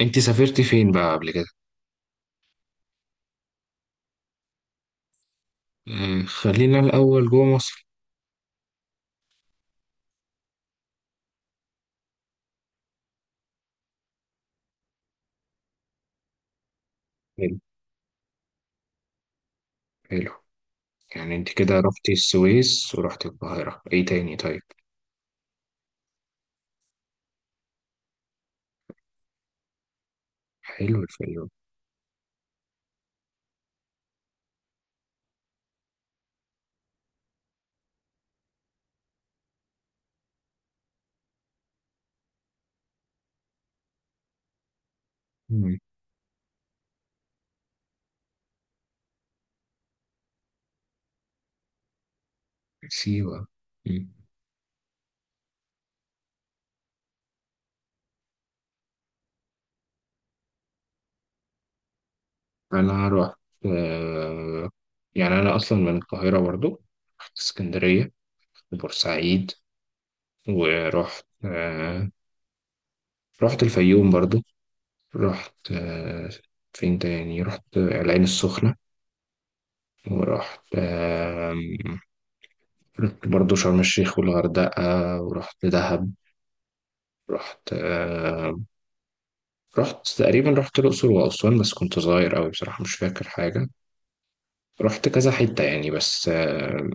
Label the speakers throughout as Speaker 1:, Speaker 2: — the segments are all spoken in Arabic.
Speaker 1: انت سافرتي فين بقى قبل كده؟ آه، خلينا الاول جوه مصر. حلو. حلو. يعني انت كده رحتي السويس ورحتي القاهره، ايه تاني طيب؟ حلو الفيوم. مم، سيوه. مم. انا رحت، آه، يعني انا اصلا من القاهره برضو. رحت اسكندريه وبورسعيد ورحت، رحت الفيوم برضو. رحت، فين تاني رحت العين السخنه ورحت، رحت برضه شرم الشيخ والغردقة ورحت دهب. رحت رحت تقريبا رحت الأقصر وأسوان، بس كنت صغير أوي بصراحة مش فاكر حاجة. رحت كذا حتة يعني، بس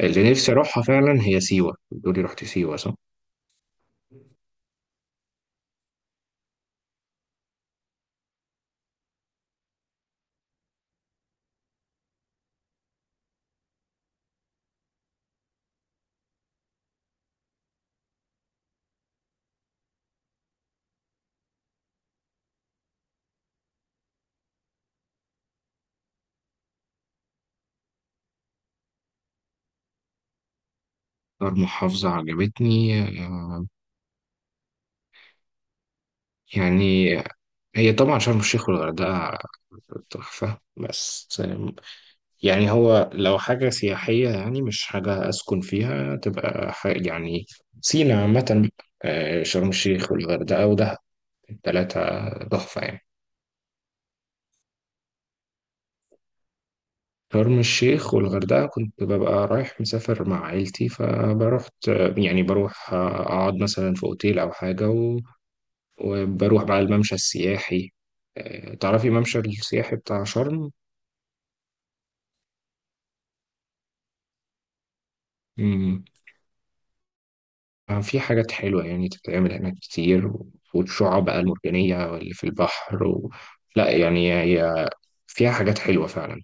Speaker 1: اللي نفسي أروحها فعلا هي سيوة. بتقولي رحت سيوة صح؟ أكتر محافظة عجبتني، آه يعني هي طبعا شرم الشيخ والغردقة تحفة. بس يعني هو لو حاجة سياحية، يعني مش حاجة أسكن فيها تبقى يعني سينا عامة. آه، شرم الشيخ والغردقة ودهب، التلاتة تحفة يعني. شرم الشيخ والغردقة كنت ببقى رايح مسافر مع عيلتي، فبروحت يعني بروح أقعد مثلا في أوتيل أو حاجة وبروح بقى الممشى السياحي. آه، تعرفي الممشى السياحي بتاع شرم؟ آه، في حاجات حلوة يعني تتعمل هناك كتير، والشعاب بقى المرجانية واللي في البحر لا يعني هي فيها حاجات حلوة فعلا.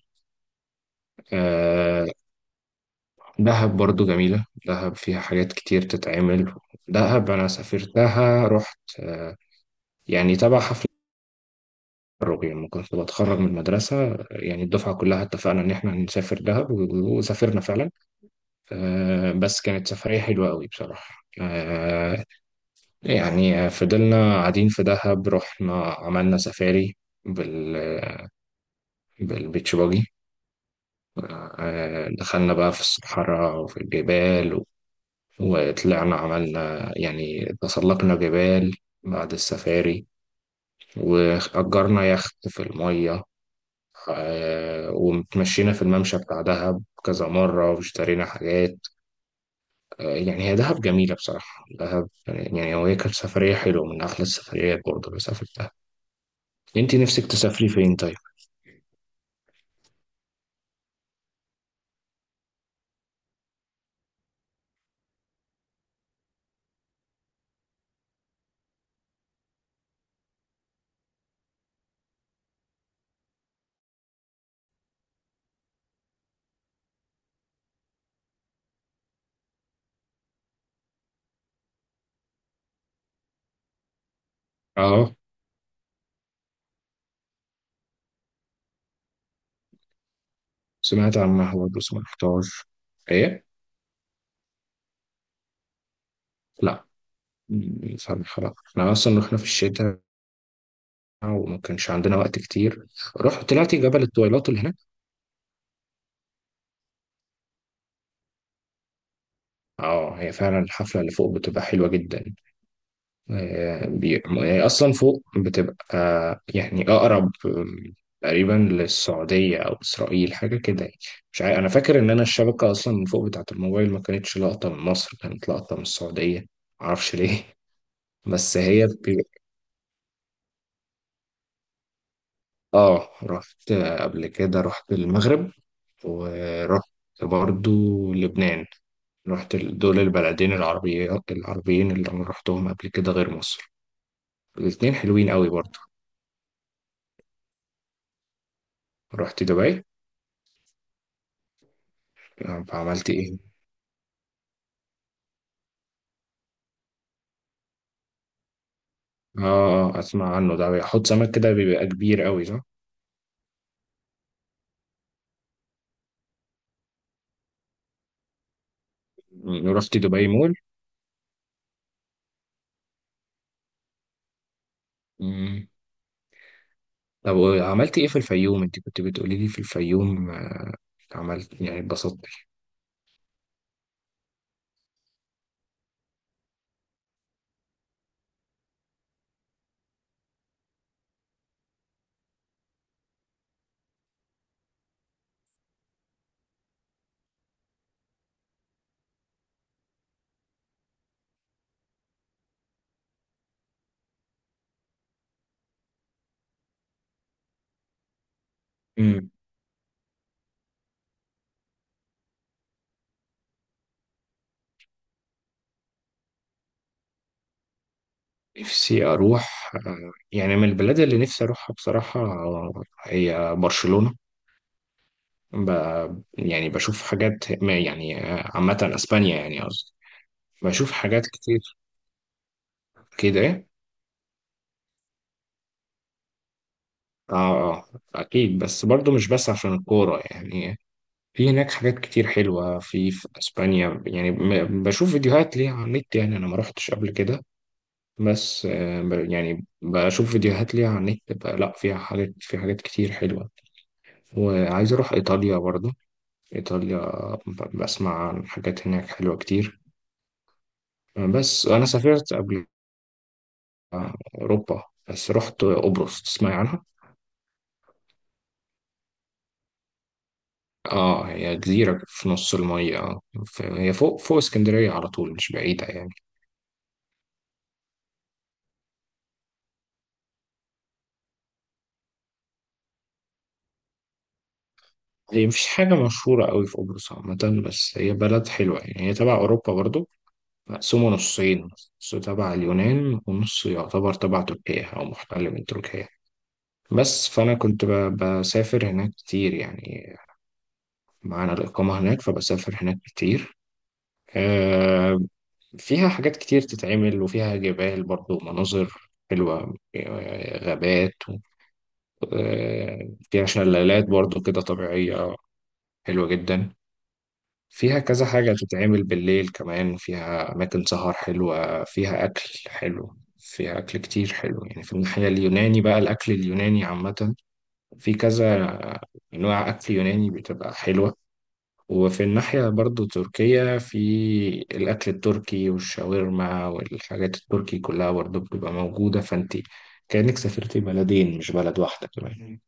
Speaker 1: آه، دهب برضو جميلة. دهب فيها حاجات كتير تتعمل. دهب أنا سافرتها، رحت، يعني تبع حفل التخرج لما كنت بتخرج من المدرسة. يعني الدفعة كلها اتفقنا إن إحنا هنسافر دهب وسافرنا فعلا. آه، بس كانت سفرية حلوة قوي بصراحة. آه، يعني فضلنا قاعدين في دهب، رحنا عملنا سفاري بال بالبيتش باجي. آه، دخلنا بقى في الصحراء وفي الجبال وطلعنا عملنا يعني تسلقنا جبال بعد السفاري، وأجرنا يخت في المية. آه، ومتمشينا في الممشى بتاع دهب كذا مرة واشترينا حاجات. آه، يعني هي دهب جميلة بصراحة. دهب يعني، يعني هو هي كانت سفرية حلوة من أحلى السفريات برضه اللي سافرتها. انت نفسك تسافري فين طيب؟ اه، سمعت عنها برضه بس ما رحتهاش. ايه؟ لا، فاهم خلاص. احنا اصلا رحنا في الشتاء وما كانش عندنا وقت كتير. رحت طلعت جبل الطويلات اللي هناك. اه، هي فعلا الحفله اللي فوق بتبقى حلوه جدا. آه، هي اصلا فوق بتبقى، يعني اقرب، تقريبا للسعوديه او اسرائيل، حاجه كده يعني. مش عارف، انا فاكر ان انا الشبكه اصلا من فوق بتاعه الموبايل ما كانتش لقطه من مصر، كانت لقطه من السعوديه. معرفش ليه. بس هي اه، رحت قبل كده رحت المغرب، ورحت برضو لبنان. رحت دول البلدين العربية العربيين اللي انا رحتهم قبل كده غير مصر. الاتنين حلوين قوي برضو. رحت دبي. آه، عملت ايه؟ اه. آه، اسمع عنه ده بيحط سمك كده بيبقى كبير قوي صح؟ مم. رحت دبي مول. مم. طب عملت ايه في الفيوم؟ انت كنت بتقولي لي في الفيوم، عملت يعني اتبسطت. نفسي أروح، يعني من البلاد اللي نفسي أروحها بصراحة، هي برشلونة. ب... يعني بشوف حاجات، ما يعني عامة أسبانيا يعني قصدي. بشوف حاجات كتير كده. آه آه. أكيد، بس برضو مش بس عشان الكورة يعني. في هناك حاجات كتير حلوة في, أسبانيا يعني. بشوف فيديوهات ليها على النت. يعني أنا ما روحتش قبل كده بس يعني بشوف فيديوهات ليها على النت لا فيها حاجات، في حاجات كتير حلوة. وعايز أروح إيطاليا برضو. إيطاليا بسمع عن حاجات هناك حلوة كتير. بس أنا سافرت قبل أوروبا، بس رحت قبرص. تسمعي عنها؟ آه، هي جزيرة في نص المية. هي فوق فوق اسكندرية على طول، مش بعيدة يعني. هي مفيش حاجة مشهورة قوي في قبرص عامة، بس هي بلد حلوة يعني. هي تبع أوروبا برضو، مقسومة نصين، نص تبع اليونان ونص يعتبر تبع تركيا أو محتل من تركيا. بس فأنا كنت بسافر هناك كتير يعني، معانا الإقامة هناك فبسافر هناك كتير. آه، فيها حاجات كتير تتعمل، وفيها جبال برضو، مناظر حلوة، غابات، فيها شلالات برضو كده طبيعية حلوة جدا. فيها كذا حاجة تتعمل بالليل كمان، فيها أماكن سهر حلوة، فيها أكل حلو. فيها أكل كتير حلو يعني. في الناحية اليوناني بقى، الأكل اليوناني عامة، في كذا أنواع أكل يوناني بتبقى حلوة. وفي الناحية برضو تركيا، في الأكل التركي والشاورما والحاجات التركي كلها برضو بتبقى موجودة. فأنت كأنك سافرتي بلدين مش بلد واحدة كمان.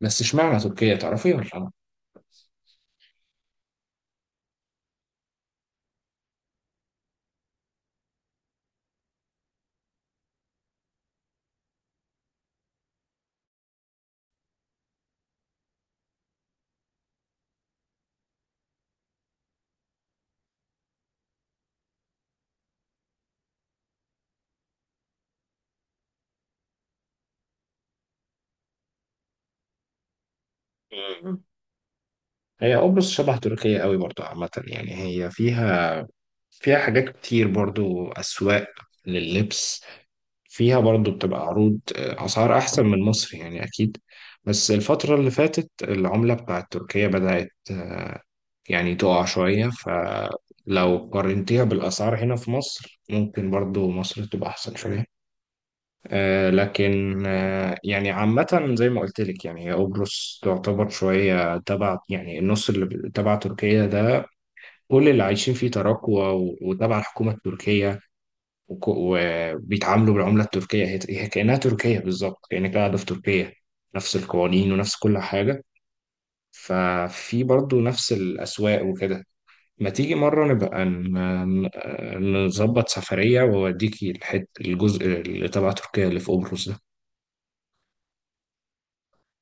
Speaker 1: بس اشمعنى تركيا، تعرفي ولا لا؟ مم. هي قبرص شبه تركيا قوي برضو عامة يعني. هي فيها حاجات كتير برضو، أسواق لللبس، فيها برضو بتبقى عروض، أسعار أحسن من مصر يعني أكيد. بس الفترة اللي فاتت العملة بتاعت تركيا بدأت يعني تقع شوية، فلو قارنتيها بالأسعار هنا في مصر ممكن برضو مصر تبقى أحسن شوية. آه، لكن آه يعني عامة، زي ما قلت لك، يعني هي قبرص تعتبر شوية تبع، يعني النص اللي تبع تركيا ده، كل اللي عايشين فيه تراكوة وتبع الحكومة التركية، وبيتعاملوا بالعملة التركية. هي كأنها تركيا بالظبط، كأنك قاعدة في تركيا، نفس القوانين ونفس كل حاجة. ففي برضو نفس الأسواق وكده. ما تيجي مرة نبقى نظبط سفرية وأوديكي الحت الجزء اللي تبع تركيا اللي في قبرص ده؟